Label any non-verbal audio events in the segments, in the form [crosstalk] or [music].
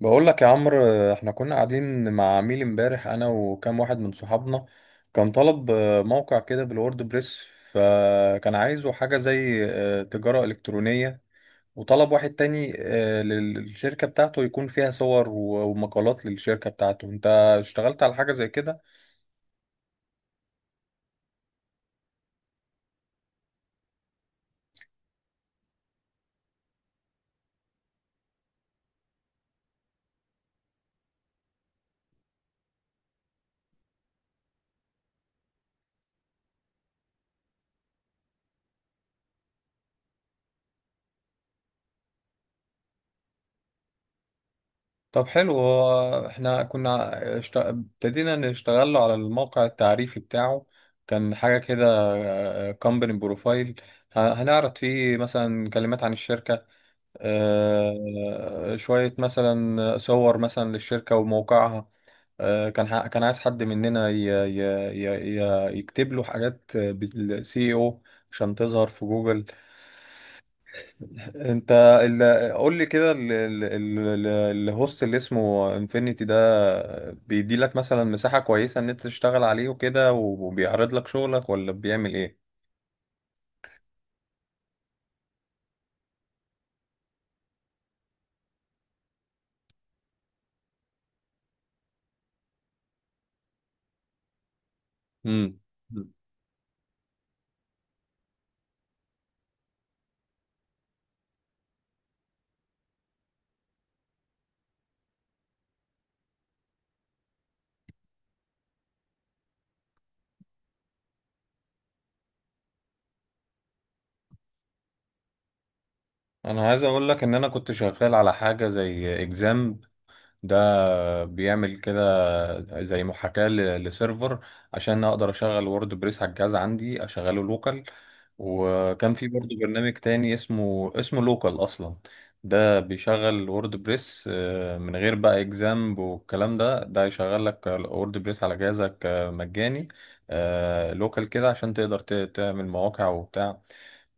بقول لك يا عمرو، احنا كنا قاعدين مع عميل امبارح انا وكام واحد من صحابنا. كان طلب موقع كده بالورد بريس، فكان عايزه حاجة زي تجارة إلكترونية. وطلب واحد تاني، للشركة بتاعته يكون فيها صور ومقالات للشركة بتاعته. انت اشتغلت على حاجة زي كده؟ طب حلو. هو احنا كنا ابتدينا نشتغل على الموقع التعريفي بتاعه. كان حاجة كده، كومباني بروفايل، هنعرض فيه مثلا كلمات عن الشركة، شوية مثلا صور مثلا للشركة وموقعها. كان كان عايز حد مننا يكتب له حاجات بالسي او عشان تظهر في جوجل. انت قول لي كده، الهوست اللي اسمه انفينيتي ده بيدي لك مثلا مساحة كويسة ان انت تشتغل عليه وكده، وبيعرض لك شغلك ولا بيعمل ايه؟ امم انا عايز اقول لك ان انا كنت شغال على حاجة زي اكزام. ده بيعمل كده زي محاكاة لسيرفر عشان اقدر اشغل وورد بريس على الجهاز عندي، اشغله لوكال. وكان في برضه برنامج تاني اسمه لوكال اصلا. ده بيشغل وورد بريس من غير بقى اكزامب والكلام ده. ده يشغل لك وورد بريس على جهازك مجاني، لوكال كده، عشان تقدر تعمل مواقع وبتاع.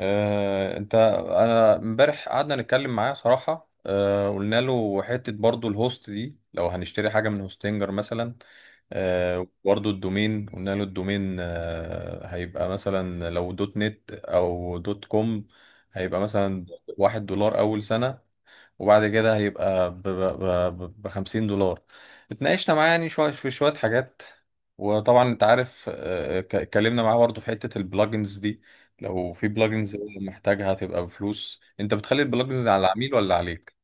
انت انا امبارح قعدنا نتكلم معاه صراحة، قلنا له حتة برضو الهوست دي، لو هنشتري حاجة من هوستنجر مثلا، برضو الدومين. قلنا له الدومين هيبقى مثلا لو دوت نت او دوت كوم، هيبقى مثلا واحد دولار اول سنة، وبعد كده هيبقى ب 50 دولار. اتناقشنا معاه يعني شوية في شوية حاجات. وطبعا انت عارف، اتكلمنا معاه برضه في حتة البلجنز دي، لو في بلجنز هو محتاجها تبقى بفلوس، انت بتخلي البلجنز على العميل ولا عليك؟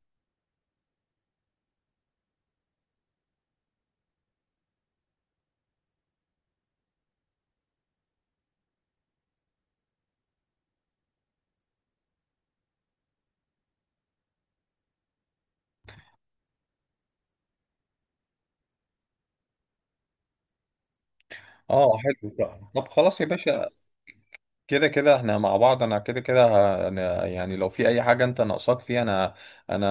اه حلو. طب خلاص يا باشا، كده كده احنا مع بعض، انا كده كده أنا يعني لو في اي حاجة انت ناقصاك فيها انا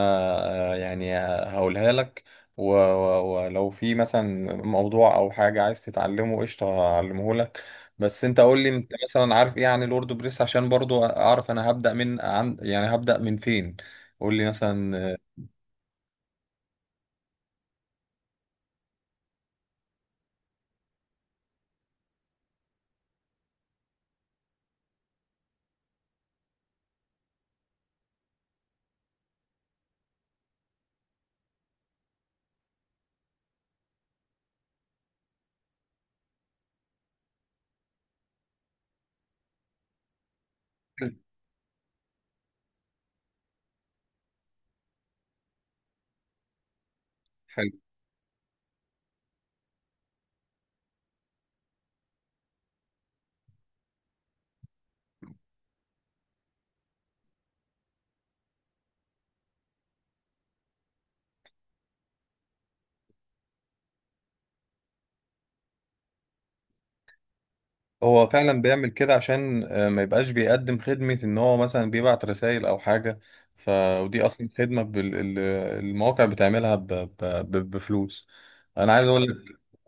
يعني هقولها لك. ولو في مثلا موضوع او حاجة عايز تتعلمه، قشطة هعلمه لك. بس انت قول لي انت مثلا عارف ايه عن الورد بريس، عشان برضو اعرف انا هبدأ من عن، يعني هبدأ من فين. قول لي مثلا. آه، هو فعلا بيعمل كده عشان ما يبقاش بيقدم خدمة ان هو مثلا بيبعت رسائل او حاجة. ف ودي اصلا خدمة المواقع بتعملها بفلوس. انا عايز اقول لك،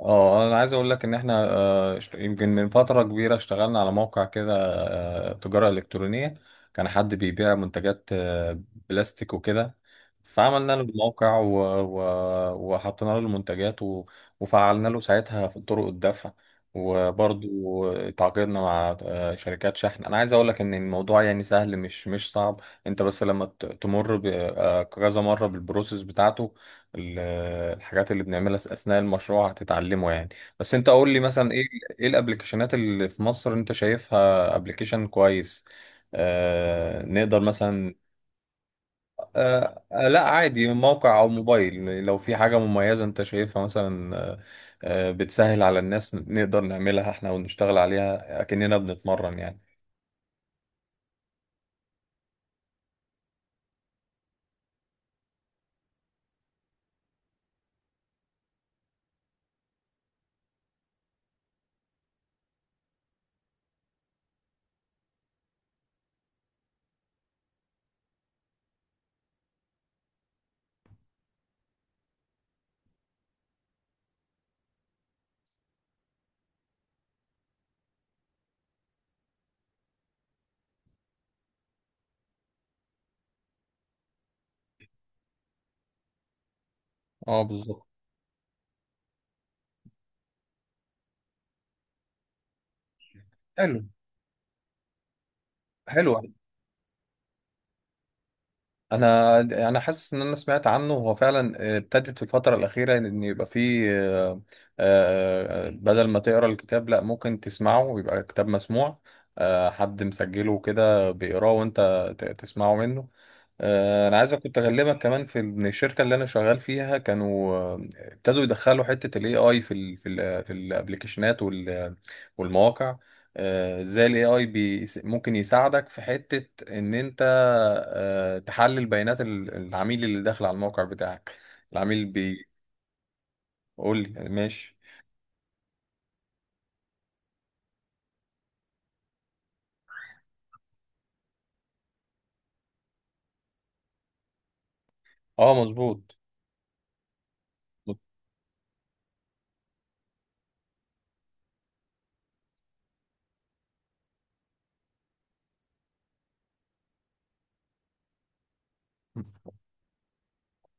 اه انا عايز اقول لك ان احنا، يمكن من فترة كبيرة اشتغلنا على موقع كده، تجارة الكترونية. كان حد بيبيع منتجات بلاستيك وكده. فعملنا له الموقع وحطينا له المنتجات، وفعلنا له ساعتها في طرق الدفع، وبرضو تعاقدنا مع شركات شحن. انا عايز اقول لك ان الموضوع يعني سهل، مش صعب. انت بس لما تمر ب كذا مره بالبروسيس بتاعته، الحاجات اللي بنعملها اثناء المشروع هتتعلمه يعني. بس انت قول لي مثلا، ايه الابلكيشنات اللي في مصر انت شايفها ابلكيشن كويس؟ نقدر مثلا، لا عادي، موقع او موبايل، لو في حاجة مميزة انت شايفها مثلا، بتسهل على الناس نقدر نعملها احنا ونشتغل عليها اكننا بنتمرن يعني. اه بالظبط. حلو، حلو. انا حاسس ان انا سمعت عنه. هو فعلا ابتدت في الفتره الاخيره ان يبقى فيه، بدل ما تقرا الكتاب لا ممكن تسمعه ويبقى كتاب مسموع. حد مسجله وكده بيقراه وانت تسمعه منه. انا عايز كنت اكلمك كمان في ان الشركه اللي انا شغال فيها كانوا ابتدوا يدخلوا حته الاي اي في الابلكيشنات والمواقع. ازاي الاي اي ممكن يساعدك في حته ان انت تحلل بيانات العميل اللي داخل على الموقع بتاعك. العميل بيقول لي ماشي. اه مظبوط.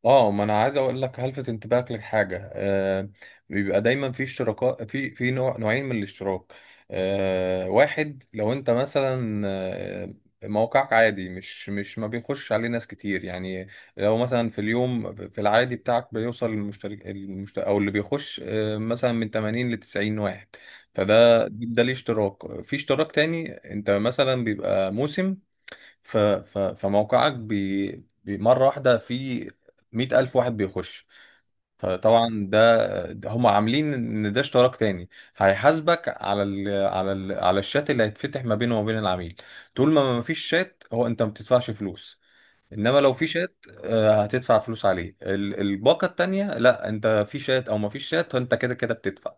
اه، ما انا عايز اقول لك، هلفت انتباهك لحاجه. بيبقى دايما في اشتراكات، في نوعين من الاشتراك. واحد، لو انت مثلا موقعك عادي، مش ما بيخش عليه ناس كتير يعني، لو مثلا في اليوم في العادي بتاعك بيوصل المشترك او اللي بيخش مثلا من 80 ل 90 واحد، فده ده ليه اشتراك. في اشتراك تاني، انت مثلا بيبقى موسم، فموقعك مرة واحدة في مئة ألف واحد بيخش. فطبعا ده هم عاملين إن ده اشتراك تاني، هيحاسبك على الشات اللي هيتفتح ما بينه وما بين العميل. طول ما ما فيش شات، هو أنت ما بتدفعش فلوس. انما لو في شات هتدفع فلوس عليه. الباقة التانية، لا انت في شات او ما فيش شات، انت كده كده بتدفع.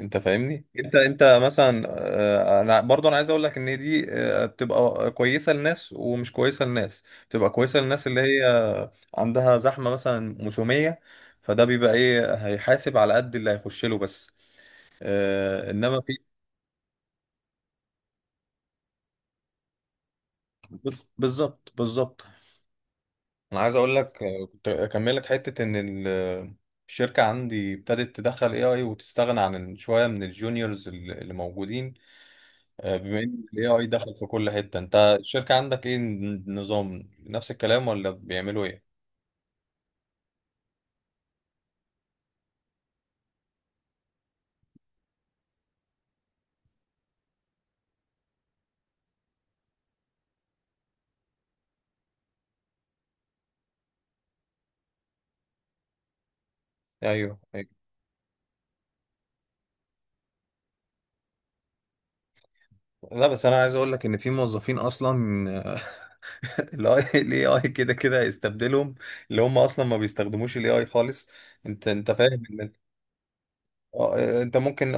انت فاهمني، انت انت مثلا، انا برضه انا عايز اقول لك ان دي بتبقى كويسه لناس ومش كويسه لناس. بتبقى كويسه للناس اللي هي عندها زحمه مثلا موسميه، فده بيبقى ايه، هيحاسب على قد اللي هيخش له بس. انما في، بالظبط بالظبط. انا عايز اقول لك، كنت اكمل لك حته ان الشركه عندي ابتدت تدخل اي اي، وتستغنى عن شويه من الجونيورز اللي موجودين. بما ان الاي اي دخل في كل حتة، انت الشركة عندك ايه النظام، نفس الكلام ولا بيعملوا ايه؟ ايوه، أيوة. لا، بس انا عايز اقول لك ان في موظفين اصلا آه، [laughs] الاي اي كده كده هيستبدلهم، اللي هم اصلا ما بيستخدموش الاي اي خالص. انت انت فاهم ان، اه، انت ممكن،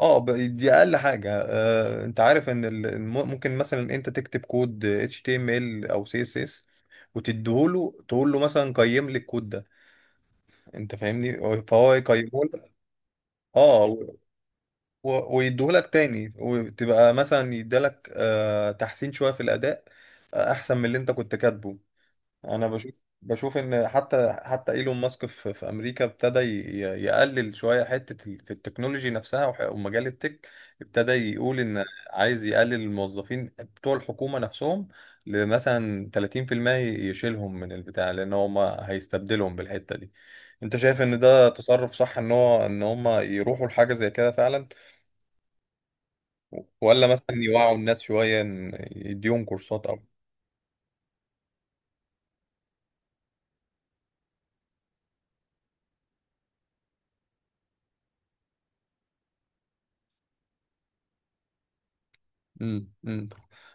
اه ب- دي اقل حاجه. انت عارف ان ممكن مثلا انت تكتب كود اتش تي ام ال او سي اس اس، وتديهوله تقول له مثلا قيم لي الكود ده، انت فاهمني، فهو يقيمولك، اه و- ويديهولك تاني، وتبقى مثلا يديلك تحسين شويه في الاداء، احسن من اللي انت كنت كاتبه. انا بشوف، بشوف ان حتى ايلون ماسك في امريكا ابتدى يقلل شويه حته في التكنولوجي نفسها، ومجال التك. ابتدى يقول ان عايز يقلل الموظفين بتوع الحكومه نفسهم لمثلا 30%، يشيلهم من البتاع، لان هم هيستبدلهم بالحته دي. انت شايف ان ده تصرف صح ان هو ان هم يروحوا لحاجه زي كده فعلا، ولا مثلا يوعوا الناس شويه إن يديهم كورسات؟ امم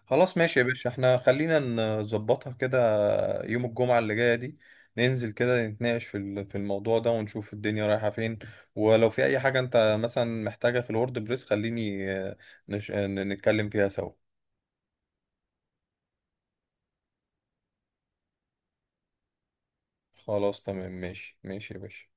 خلاص ماشي يا باشا، احنا خلينا نظبطها كده. يوم الجمعة اللي جاية دي ننزل كده نتناقش في الموضوع ده، ونشوف الدنيا رايحة فين. ولو في اي حاجة انت مثلا محتاجها في الورد بريس، خليني آه، نش... آه، نتكلم فيها سوا. خلاص تمام. ماشي ماشي يا باشا.